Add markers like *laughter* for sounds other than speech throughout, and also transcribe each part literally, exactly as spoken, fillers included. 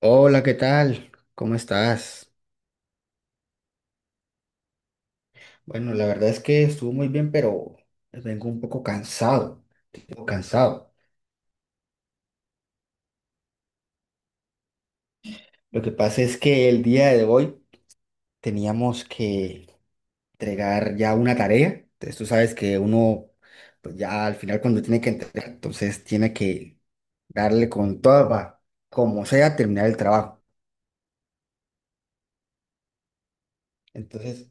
Hola, ¿qué tal? ¿Cómo estás? Bueno, la verdad es que estuvo muy bien, pero vengo un poco cansado, tipo cansado. Lo que pasa es que el día de hoy teníamos que entregar ya una tarea. Entonces tú sabes que uno, pues ya al final cuando tiene que entregar, entonces tiene que darle con toda, para, como sea, terminar el trabajo. Entonces,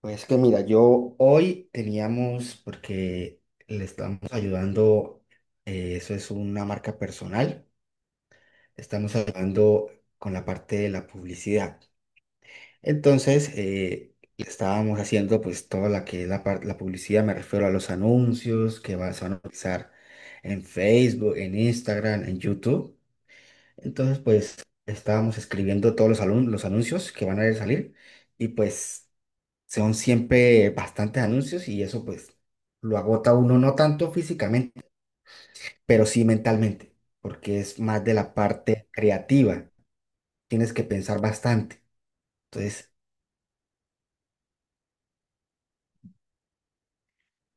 pues que mira, yo hoy teníamos, porque le estamos ayudando, eh, eso es una marca personal. Estamos ayudando con la parte de la publicidad. Entonces, eh, le estábamos haciendo pues toda la que es la, par- la publicidad. Me refiero a los anuncios que vas a utilizar en Facebook, en Instagram, en YouTube. Entonces, pues estábamos escribiendo todos los, alun- los anuncios que van a salir, y pues son siempre bastantes anuncios, y eso pues lo agota a uno no tanto físicamente, pero sí mentalmente, porque es más de la parte creativa, tienes que pensar bastante. Entonces,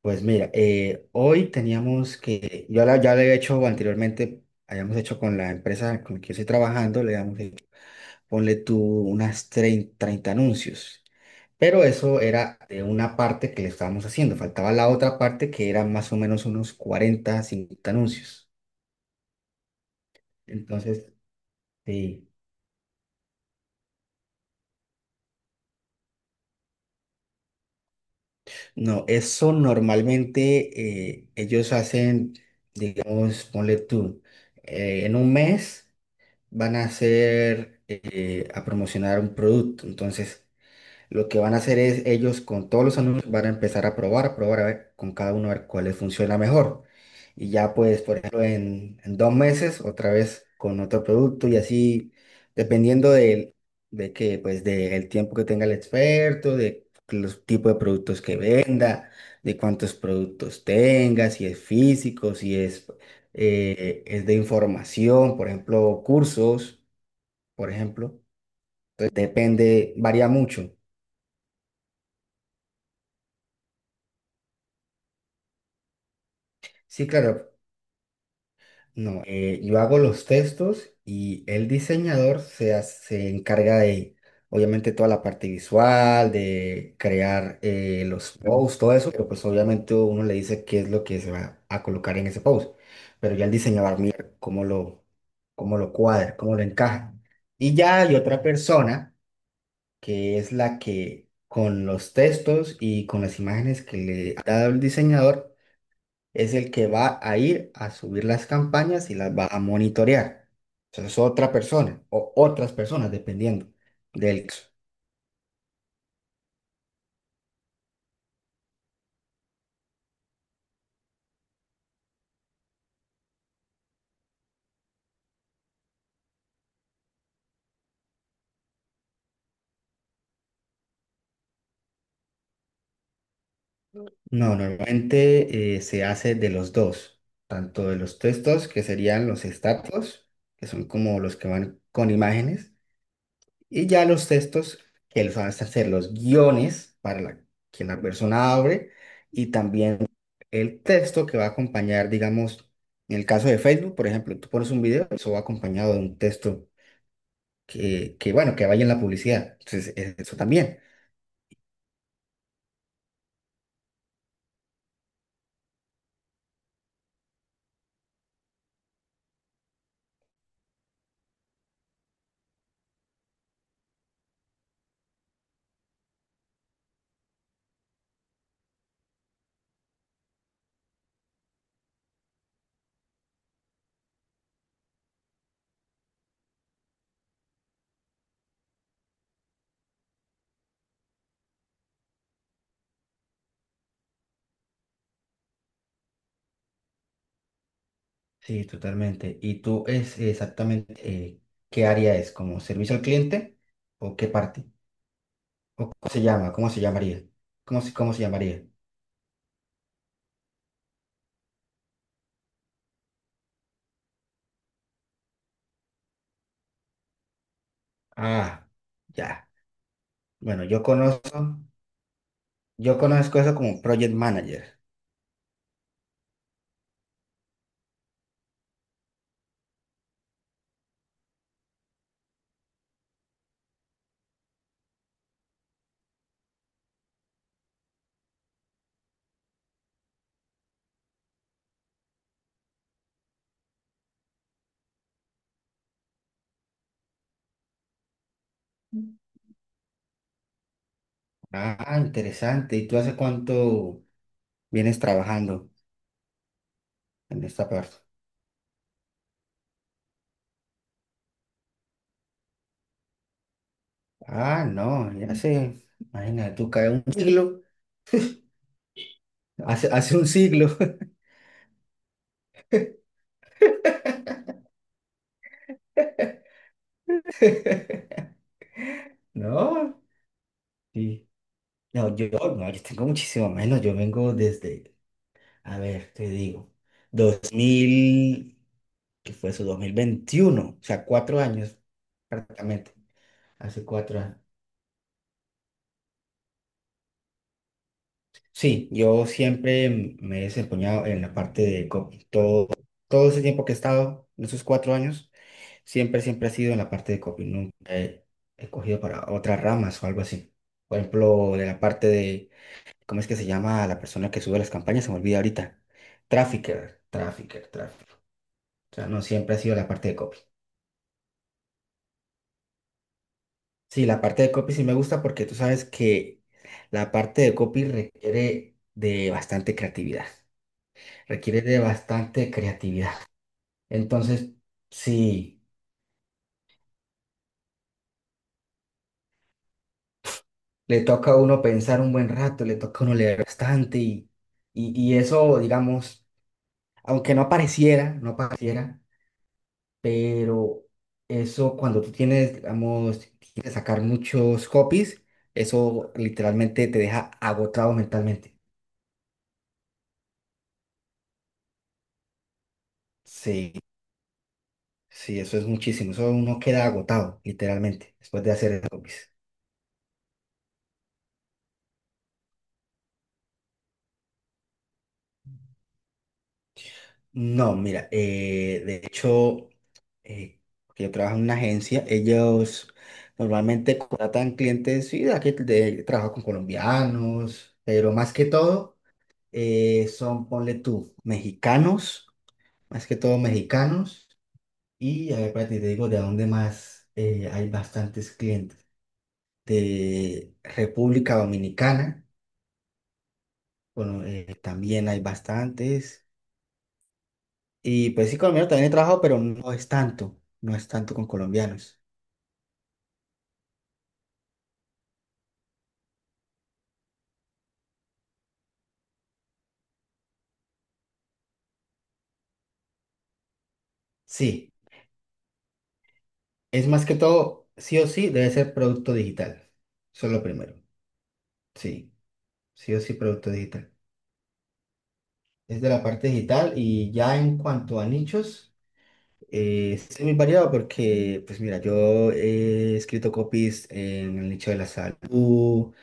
pues mira, eh, hoy teníamos que, yo la- ya lo he hecho anteriormente, habíamos hecho con la empresa con la que yo estoy trabajando, le habíamos hecho, ponle tú, unas treinta treinta anuncios. Pero eso era de una parte que le estábamos haciendo. Faltaba la otra parte, que eran más o menos unos cuarenta cincuenta anuncios. Entonces, sí. No, eso normalmente eh, ellos hacen, digamos, ponle tú, eh, en un mes van a hacer, eh, a promocionar un producto. Entonces, lo que van a hacer es ellos con todos los alumnos van a empezar a probar, a probar a ver con cada uno a ver cuál les funciona mejor. Y ya pues, por ejemplo, en, en dos meses otra vez con otro producto y así, dependiendo del- de, que pues del tiempo que tenga el experto, de los tipos de productos que venda, de cuántos productos tenga, si es físico, si es, eh, es de información, por ejemplo, cursos, por ejemplo. Entonces depende, varía mucho. Sí, claro. No, eh, yo hago los textos y el diseñador se, ha- se encarga de, obviamente, toda la parte visual, de crear eh, los posts, todo eso, pero pues obviamente uno le dice qué es lo que se va a colocar en ese post, pero ya el diseñador mira cómo lo, cómo lo cuadra, cómo lo encaja. Y ya hay otra persona que es la que con los textos y con las imágenes que le ha dado el diseñador, es el que va a ir a subir las campañas y las va a monitorear. Eso es otra persona o otras personas, dependiendo del caso. No, normalmente eh, se hace de los dos, tanto de los textos, que serían los status, que son como los que van con imágenes, y ya los textos, que los van a hacer los guiones para la, que la persona abre, y también el texto que va a acompañar, digamos, en el caso de Facebook, por ejemplo, tú pones un video, eso va acompañado de un texto que, que bueno, que vaya en la publicidad. Entonces, e- eso también. Sí, totalmente. ¿Y tú es exactamente eh, qué área es? ¿Como servicio al cliente o qué parte? ¿O cómo se llama? ¿Cómo se llamaría? ¿Cómo se, cómo se llamaría? Ah, ya. Bueno, yo conozco. Yo conozco eso como Project Manager. Ah, interesante. ¿Y tú hace cuánto vienes trabajando en esta parte? Ah, no, ya sé. Imagínate, tú caes un siglo. Hace, hace un siglo. *laughs* No, sí. No, yo, no, yo tengo muchísimo menos. Yo vengo desde, a ver, te digo, dos mil, ¿qué fue eso? Dos mil veintiuno. O sea, cuatro años prácticamente. Hace cuatro años. Sí, yo siempre me he desempeñado en la parte de copy. Todo, todo ese tiempo que he estado, en esos cuatro años, siempre, siempre ha sido en la parte de copy. Nunca he, he cogido para otras ramas o algo así. Por ejemplo, de la parte de, ¿cómo es que se llama la persona que sube las campañas? Se me olvida ahorita. Trafficker, trafficker, trafficker. O sea, no, siempre ha sido la parte de copy. Sí, la parte de copy sí me gusta, porque tú sabes que la parte de copy requiere de bastante creatividad. Requiere de bastante creatividad. Entonces, sí, le toca a uno pensar un buen rato, le toca a uno leer bastante, y, y, y eso, digamos, aunque no pareciera, no pareciera, pero eso cuando tú tienes, digamos, tienes que sacar muchos copies, eso literalmente te deja agotado mentalmente. Sí, sí, eso es muchísimo, eso uno queda agotado, literalmente, después de hacer esos copies. No, mira, eh, de hecho, eh, porque yo trabajo en una agencia, ellos normalmente contratan clientes, sí, de aquí de, trabajo con colombianos, pero más que todo eh, son, ponle tú, mexicanos, más que todo mexicanos, y a ver, espérate, te digo de dónde más eh, hay bastantes clientes. De República Dominicana, bueno, eh, también hay bastantes. Y pues sí, colombiano también he trabajado, pero no es tanto, no es tanto con colombianos. Sí, es más que todo, sí o sí, debe ser producto digital. Eso es lo primero. Sí, sí o sí, producto digital. Es de la parte digital, y ya en cuanto a nichos, eh, es muy variado porque, pues mira, yo he escrito copies en el nicho de la salud,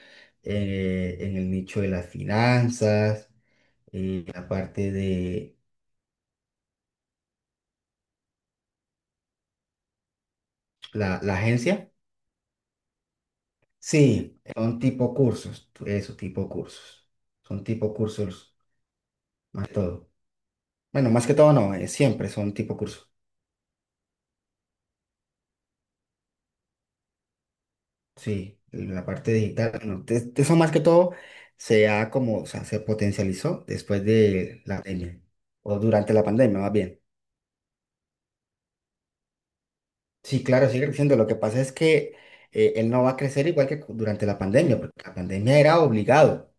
eh, en el nicho de las finanzas, en la parte de la la agencia. Sí, son tipo cursos, eso, tipo cursos. Son tipo cursos, más que todo. Bueno, más que todo no, eh, siempre son tipo cursos. Sí, la parte digital, bueno, te- te- eso más que todo se ha como, o sea, se potencializó después de la pandemia, o durante la pandemia, más bien. Sí, claro, sigue creciendo. Lo que pasa es que eh, él no va a crecer igual que cu- durante la pandemia, porque la pandemia era obligado.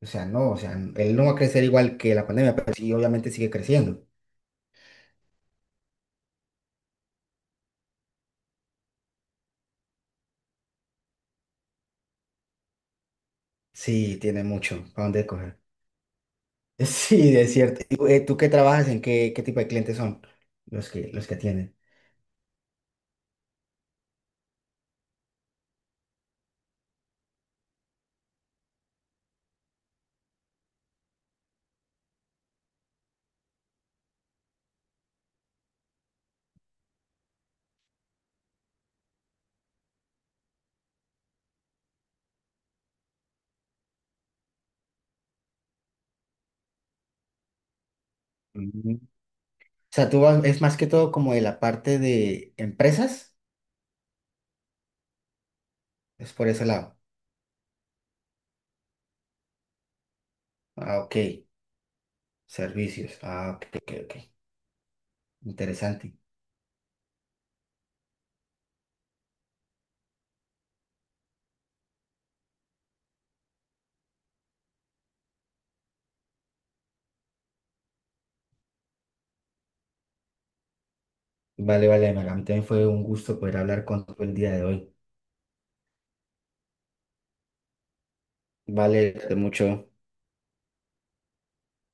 O sea, no, o sea, él no va a crecer igual que la pandemia, pero sí, obviamente sigue creciendo. Sí, tiene mucho, ¿para dónde coger? *laughs* Sí, es cierto. ¿Y, ¿tú, eh, ¿tú qué trabajas? ¿En qué, qué tipo de clientes son los que, los que tienen? Mm. O sea, tú vas- es más que todo como de la parte de empresas, es por ese lado. Ah, ok. Servicios. Ah, ok, ok, ok. Interesante. Vale, vale, Maga, a mí también fue un gusto poder hablar contigo el día de hoy. Vale, mucho.